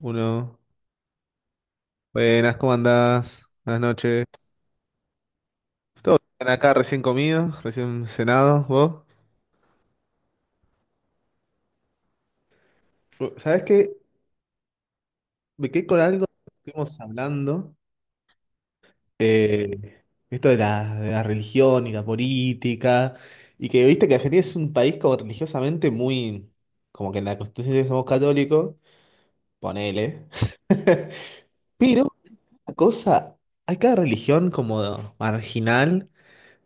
Uno. Buenas, ¿cómo andás? Buenas noches. Todo bien acá, recién comido, recién cenado, vos. ¿Sabés qué? Me quedé con algo que estuvimos hablando. eh, Esto de la religión y la política. Y que viste que Argentina es un país como religiosamente muy. Como que en la Constitución dice que somos católicos. Ponele. Pero, una cosa. Hay cada religión como marginal.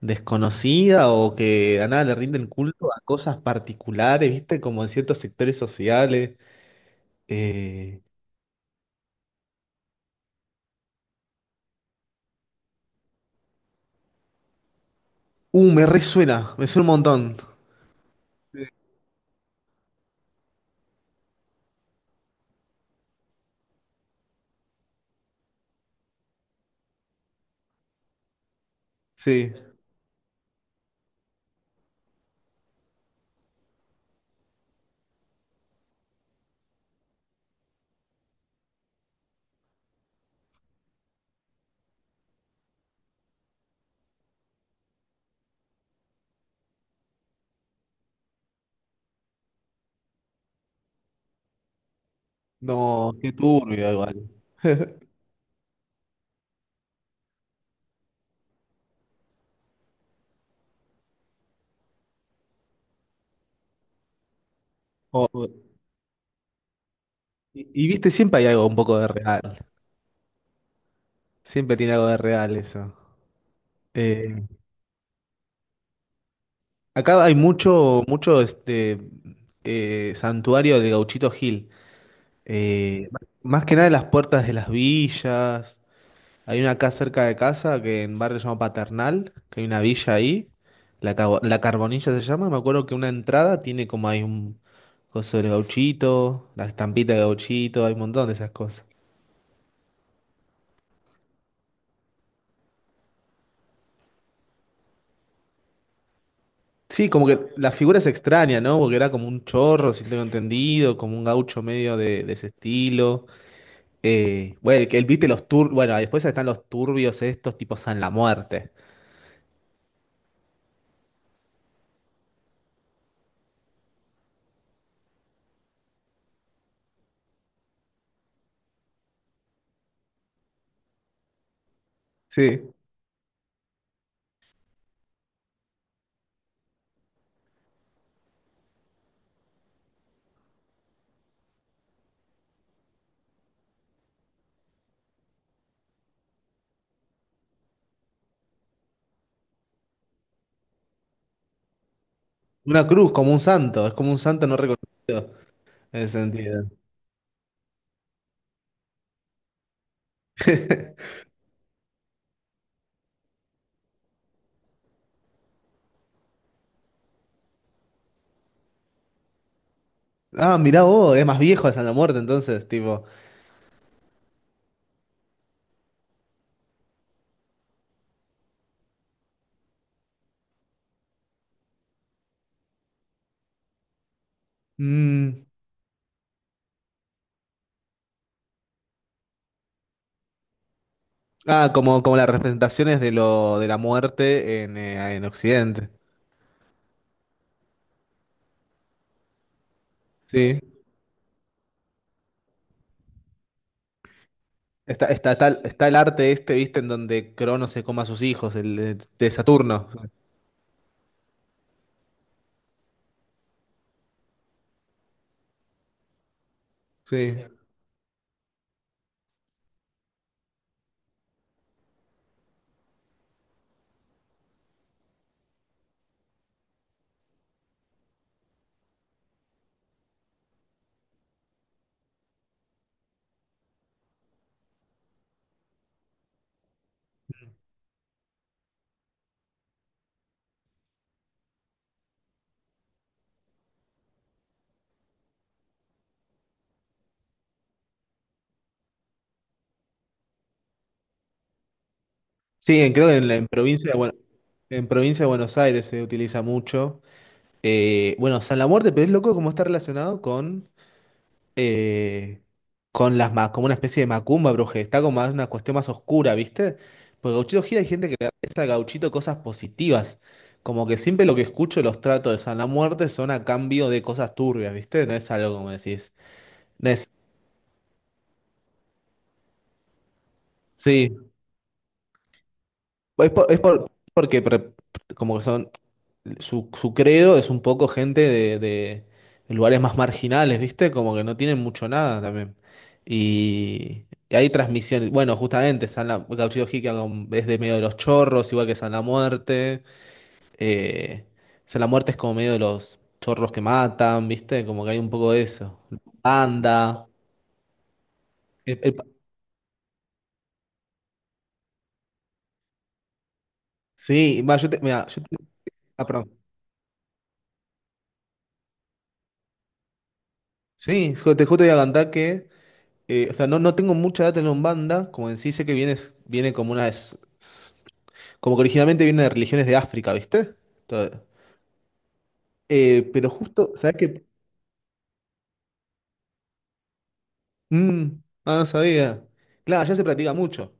Desconocida o que a nada le rinden culto a cosas particulares, ¿viste? Como en ciertos sectores sociales. Eh, me suena un montón. Sí, no, qué turbio igual. O- o- y viste, siempre hay algo un poco de real. Siempre tiene algo de real eso. Eh, Acá hay mucho este santuario de Gauchito Gil. Eh, Más que nada en las puertas de las villas. Hay una acá cerca de casa, que en barrio se llama Paternal, que hay una villa ahí, la, la Carbonilla se llama, me acuerdo que una entrada tiene como hay un coso del gauchito, la estampita de gauchito, hay un montón de esas cosas. Sí, como que la figura es extraña, ¿no? Porque era como un chorro, si tengo entendido, como un gaucho medio de ese estilo. Bueno, viste los tur, bueno, después están los turbios estos, tipo San la Muerte. Sí. Una cruz, como un santo, es como un santo no reconocido en ese sentido. Ah, mirá vos, es más viejo de la Muerte, entonces, tipo. mm, Como, como las representaciones de lo, de la muerte en Occidente. Sí. Está, está, está, está el arte este, viste, en donde Crono se come a sus hijos, el de Saturno. Sí. Sí, creo que en, en provincia en provincia de Buenos Aires se utiliza mucho. Bueno, San la Muerte, pero es loco cómo está relacionado con. eh, con las como una especie de macumba brujería, está como más una cuestión más oscura, ¿viste? Porque Gauchito Gira hay gente que le agradece a Gauchito cosas positivas, como que siempre lo que escucho de los tratos de San la Muerte son a cambio de cosas turbias, ¿viste? No es algo como decís, no es, sí. Es por- es por- porque pre- como que son, su credo es un poco gente de lugares más marginales, ¿viste? Como que no tienen mucho nada también. Y hay transmisiones, bueno, justamente, Gauchito Hickey es de medio de los chorros, igual que San La Muerte. Eh, San La Muerte es como medio de los chorros que matan, ¿viste? Como que hay un poco de eso. Anda. El- el- sí, va, ah, perdón. Sí, te justo iba a cantar que... O sea, no, no tengo mucha data en Umbanda, como en sí sé que viene, viene como una... Como que originalmente viene de religiones de África, ¿viste? Todo. Pero justo, ¿sabes qué? Mm, ah, no sabía. Claro, allá se practica mucho,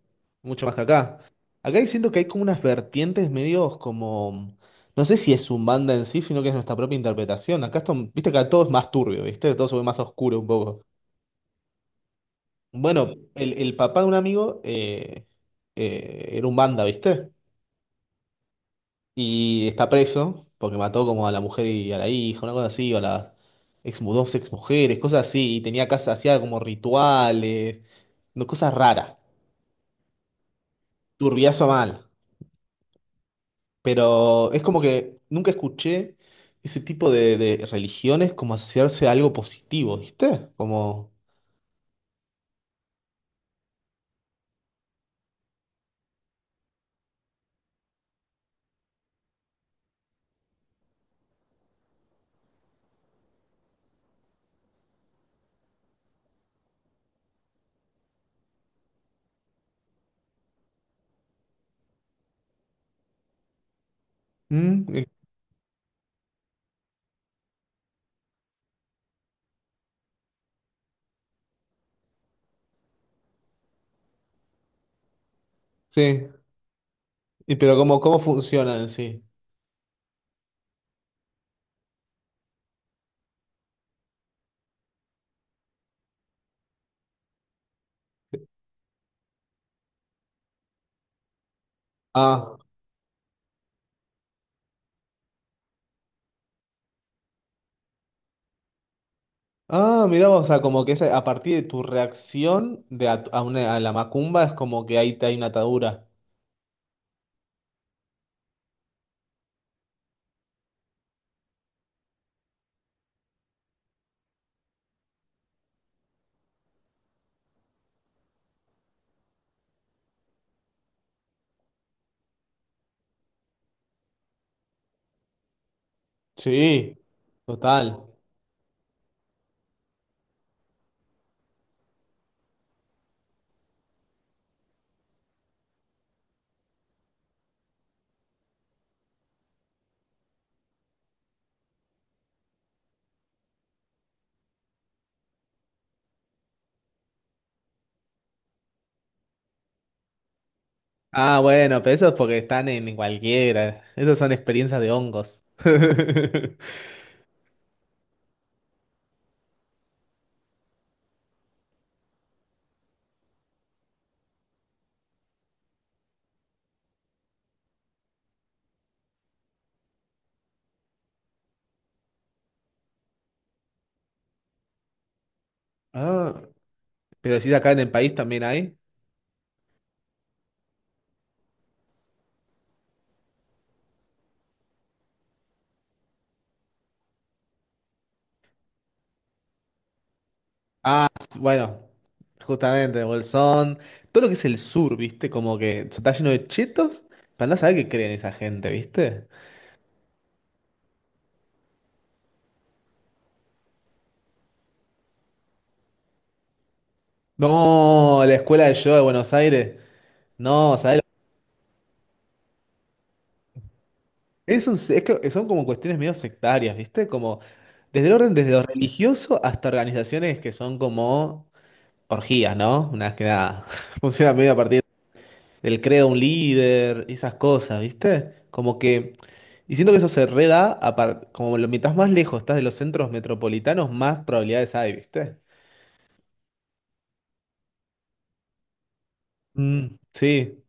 mucho más que acá. Siento que hay como unas vertientes medios como... No sé si es Umbanda en sí, sino que es nuestra propia interpretación. Acá esto, viste que acá todo es más turbio, ¿viste? Todo se ve más oscuro un poco. Bueno, el papá de un amigo era Umbanda, ¿viste? Y está preso porque mató como a la mujer y a la hija, una cosa así, o a las dos ex mujeres, cosas así. Y tenía casa, hacía como rituales, no, cosas raras, turbiazo mal. Pero es como que nunca escuché ese tipo de religiones como asociarse a algo positivo, ¿viste? Como. mm, eh, Sí. Y pero como, ¿cómo funcionan en sí? Ah. Ah, mirá, vos, o sea, como que es a partir de tu reacción a a la macumba es como que ahí te hay una atadura. Sí, total. Ah, bueno, pero eso es porque están en cualquiera. Esas son experiencias de hongos. Ah, pero si acá en el país también hay. Ah, bueno, justamente, Bolsón, todo lo que es el sur, ¿viste? Como que está lleno de chetos, para no saber qué creen esa gente, ¿viste? No, la escuela de yo de Buenos Aires, no, ¿sabes? Es un- es que son como cuestiones medio sectarias, ¿viste? Como desde el orden, desde lo religioso hasta organizaciones que son como orgías, ¿no? Una que nada, funciona medio a partir del credo de un líder, esas cosas, ¿viste? Como que, y siento que eso se reda, como lo, mientras más lejos estás de los centros metropolitanos, más probabilidades hay, ¿viste? Mm, sí.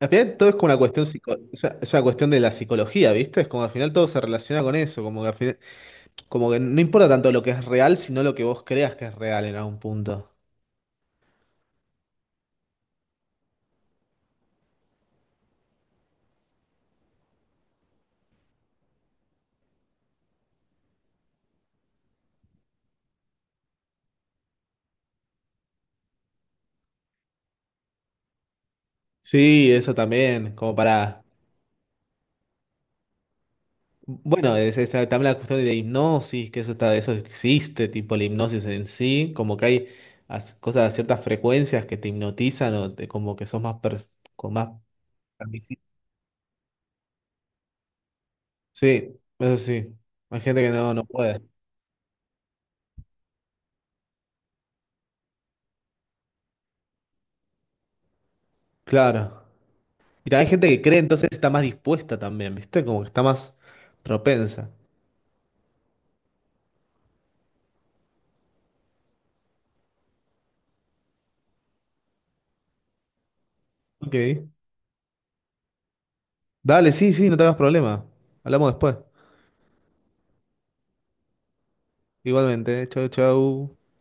Al final todo es como una cuestión es una cuestión de la psicología, ¿viste? Es como al final todo se relaciona con eso, como que al final, como que no importa tanto lo que es real, sino lo que vos creas que es real en algún punto. Sí, eso también, como para... Bueno, es también la cuestión de la hipnosis, que eso está, eso existe, tipo la hipnosis en sí, como que hay cosas de ciertas frecuencias que te hipnotizan o como que sos más con más permisi- sí, eso sí. Hay gente que no, no puede. Claro. Y hay gente que cree, entonces está más dispuesta también, ¿viste? Como que está más propensa. Ok. Dale, sí, sí, no tengas problema. Hablamos después. Igualmente, chau, chau.